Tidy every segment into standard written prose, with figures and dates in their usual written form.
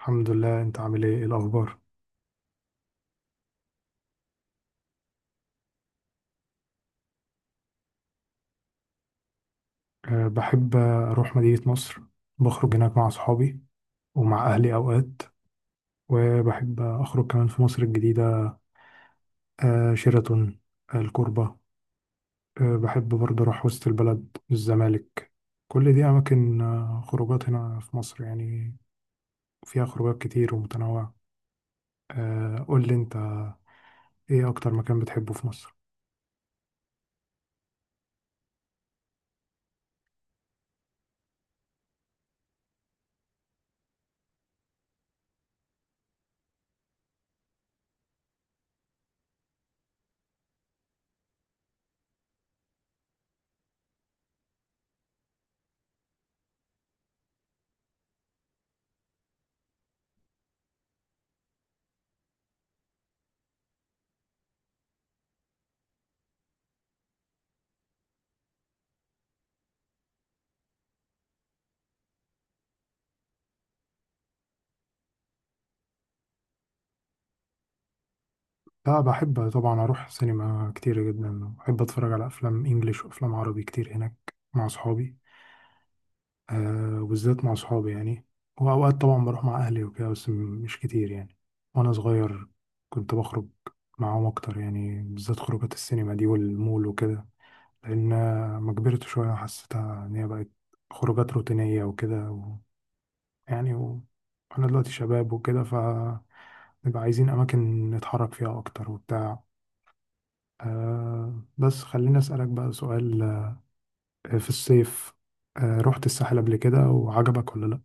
الحمد لله. انت عامل ايه؟ ايه الاخبار؟ بحب اروح مدينة نصر. بخرج هناك مع صحابي ومع اهلي اوقات، وبحب اخرج كمان في مصر الجديدة، شيراتون، الكوربة. بحب برضه اروح وسط البلد، الزمالك. كل دي اماكن خروجات هنا في مصر يعني، فيها خروجات كتير ومتنوعة. قول لي انت، ايه اكتر مكان بتحبه في مصر؟ لا، بحب طبعا اروح سينما كتير جدا. بحب اتفرج على افلام انجليش وافلام عربي كتير هناك مع صحابي، آه، وبالذات مع صحابي يعني. وأوقات طبعا بروح مع أهلي وكده، بس مش كتير يعني. وأنا صغير كنت بخرج معاهم أكتر، يعني بالذات خروجات السينما دي والمول وكده، لأن ما كبرت شوية حسيتها إن هي بقت خروجات روتينية وكده يعني و... أنا دلوقتي شباب وكده، فنبقى عايزين أماكن نتحرك فيها أكتر وبتاع. آه، بس خليني أسألك بقى سؤال. آه، في الصيف، آه، رحت الساحل قبل كده وعجبك ولا لأ؟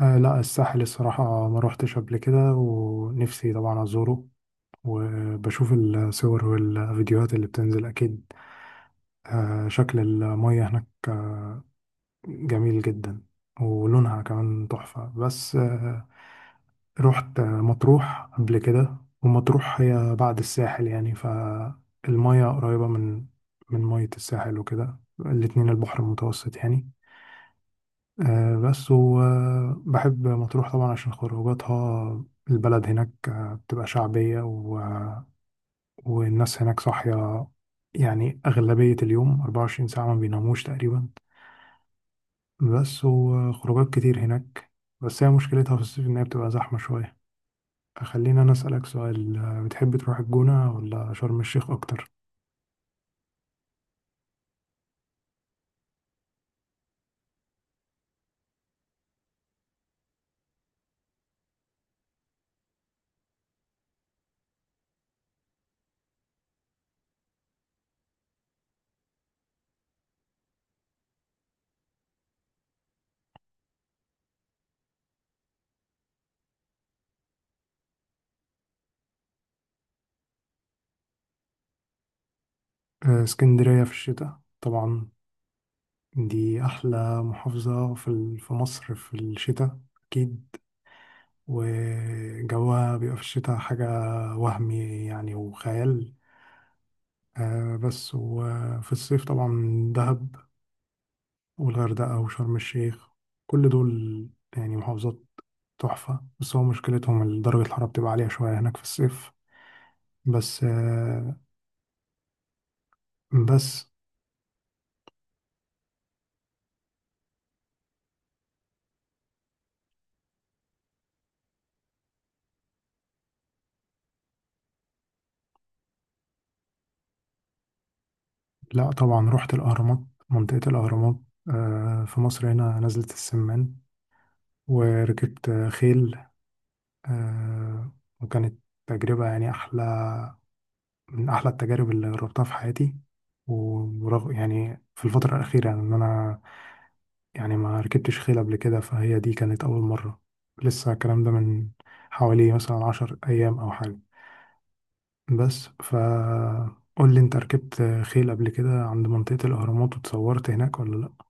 آه، لا، الساحل الصراحة ما روحتش قبل كده، ونفسي طبعا أزوره. وبشوف الصور والفيديوهات اللي بتنزل أكيد، آه، شكل المية هناك آه، جميل جدا، ولونها كمان تحفة. بس آه، رحت آه، مطروح قبل كده. ومطروح هي بعد الساحل يعني، فالمية قريبة من مية الساحل وكده، الاتنين البحر المتوسط يعني. آه، بس وبحب مطروح طبعا عشان خروجاتها. البلد هناك آه، بتبقى شعبية والناس هناك صاحية، يعني أغلبية اليوم 24 ساعة ما بيناموش تقريبا. بس وخروجات كتير هناك، بس هي مشكلتها في الصيف إن هي بتبقى زحمة شوية. خلينا أنا أسألك سؤال، آه، بتحب تروح الجونة ولا شرم الشيخ أكتر؟ آه، اسكندرية في الشتاء طبعا، دي أحلى محافظة في مصر في الشتاء أكيد. وجوها بيبقى في الشتاء حاجة وهمي يعني، وخيال. آه بس، وفي الصيف طبعا دهب والغردقة وشرم الشيخ، كل دول يعني محافظات تحفة. بس هو مشكلتهم إن درجة الحرارة بتبقى عالية شوية هناك في الصيف. بس آه بس لا، طبعا رحت الأهرامات، منطقة الأهرامات آه، في مصر هنا، نزلة السمان. وركبت آه، خيل، آه، وكانت تجربة يعني أحلى من أحلى التجارب اللي جربتها في حياتي. ورغم يعني في الفترة الأخيرة يعني إن أنا يعني ما ركبتش خيل قبل كده، فهي دي كانت أول مرة. لسه الكلام ده من حوالي مثلا عشر أيام أو حاجة. بس فقول لي أنت، ركبت خيل قبل كده عند منطقة الأهرامات وتصورت هناك ولا لأ؟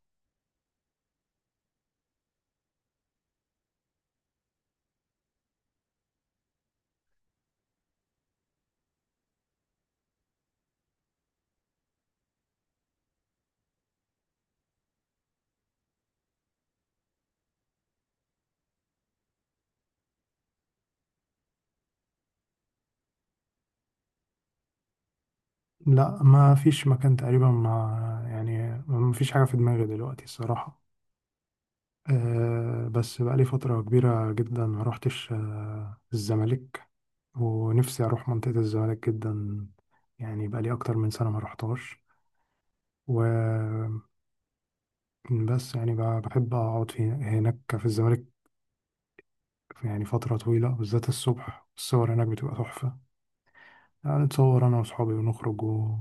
لأ، ما فيش مكان تقريبا، ما فيش حاجة في دماغي دلوقتي الصراحة. أه بس بقالي فترة كبيرة جدا ما روحتش آه، الزمالك، ونفسي أروح منطقة الزمالك جدا. يعني بقالي أكتر من سنة ما رحتهاش. وبس، يعني بحب أقعد في هناك في الزمالك يعني فترة طويلة. بالذات الصبح، الصور هناك بتبقى تحفة. يعني نتصور أنا وأصحابي ونخرج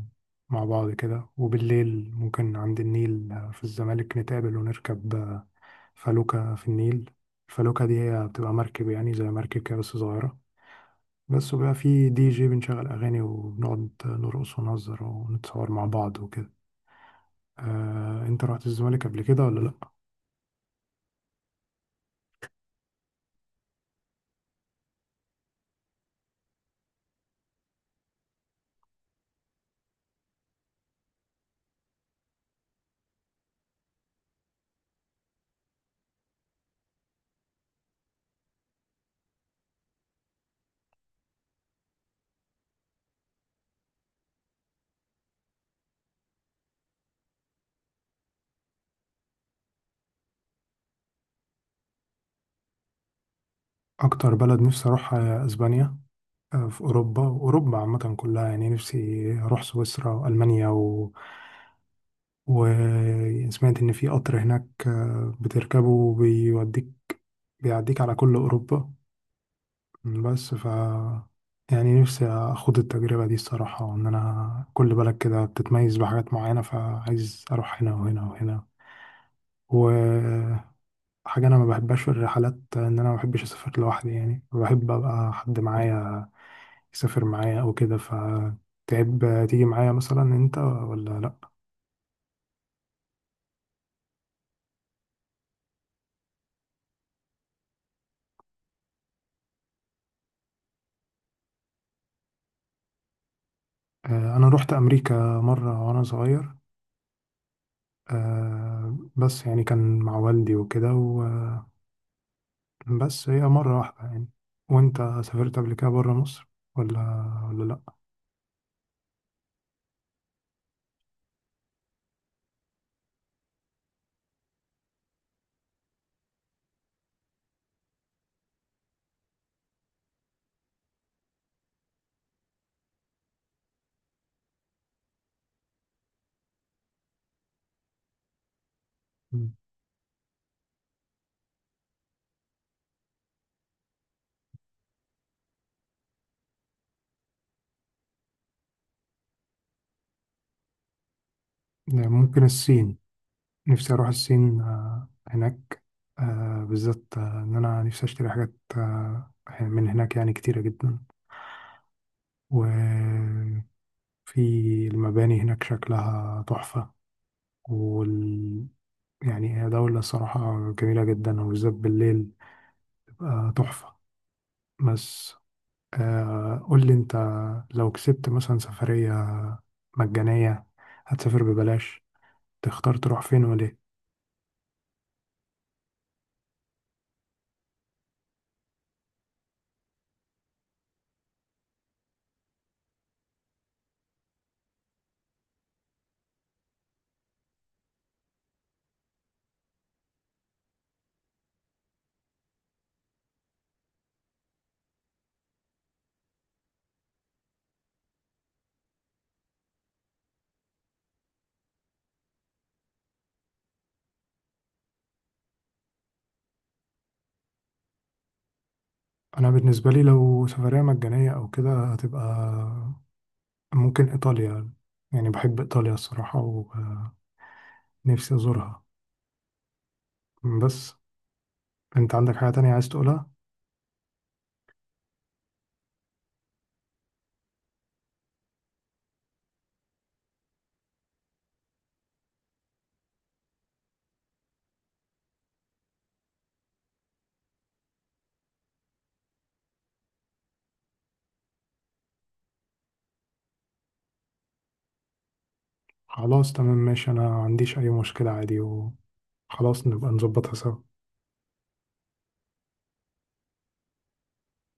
مع بعض كده. وبالليل ممكن عند النيل في الزمالك نتقابل ونركب فلوكة في النيل. الفلوكة دي هي بتبقى مركب، يعني زي مركب كده بس صغيرة. بس وبقى في دي جي بنشغل أغاني وبنقعد نرقص ونهزر ونتصور مع بعض وكده. آه، أنت رحت الزمالك قبل كده ولا لأ؟ أكتر بلد نفسي أروحها هي أسبانيا، آه، في أوروبا. وأوروبا عامة كلها يعني، نفسي أروح سويسرا وألمانيا وسمعت إن في قطر هناك آه، بتركبه وبيوديك، بيعديك على كل أوروبا. بس ف يعني نفسي أخوض التجربة دي الصراحة، وإن أنا كل بلد كده بتتميز بحاجات معينة، فعايز أروح هنا وهنا وهنا. وحاجة أنا ما بحبهاش في الرحلات، إن أنا ما بحبش أسافر لوحدي. يعني بحب أبقى حد معايا يسافر معايا أو كده. فتحب تيجي معايا مثلا أنت ولا لأ؟ آه، أنا روحت أمريكا مرة وأنا صغير، آه، بس يعني كان مع والدي وكده، وبس هي مرة واحدة يعني. وأنت سافرت قبل كده برا مصر ولا ولا لأ؟ مم. يعني ممكن الصين. نفسي أروح الصين آه، هناك، آه، بالذات آه، إن أنا نفسي أشتري حاجات آه، من هناك يعني كتيرة جدا. وفي المباني هناك شكلها تحفة. وال يعني هي دولة الصراحة جميلة جدا، وبالذات بالليل تبقى تحفة. بس آه، قول لي أنت، لو كسبت مثلا سفرية مجانية، هتسافر ببلاش، تختار تروح فين وليه؟ أنا بالنسبة لي لو سفرية مجانية أو كده، هتبقى ممكن إيطاليا. يعني بحب إيطاليا الصراحة، ونفسي أزورها. بس أنت عندك حاجة تانية عايز تقولها؟ خلاص تمام ماشي، أنا ما عنديش أي مشكلة عادي، وخلاص نبقى نظبطها سوا.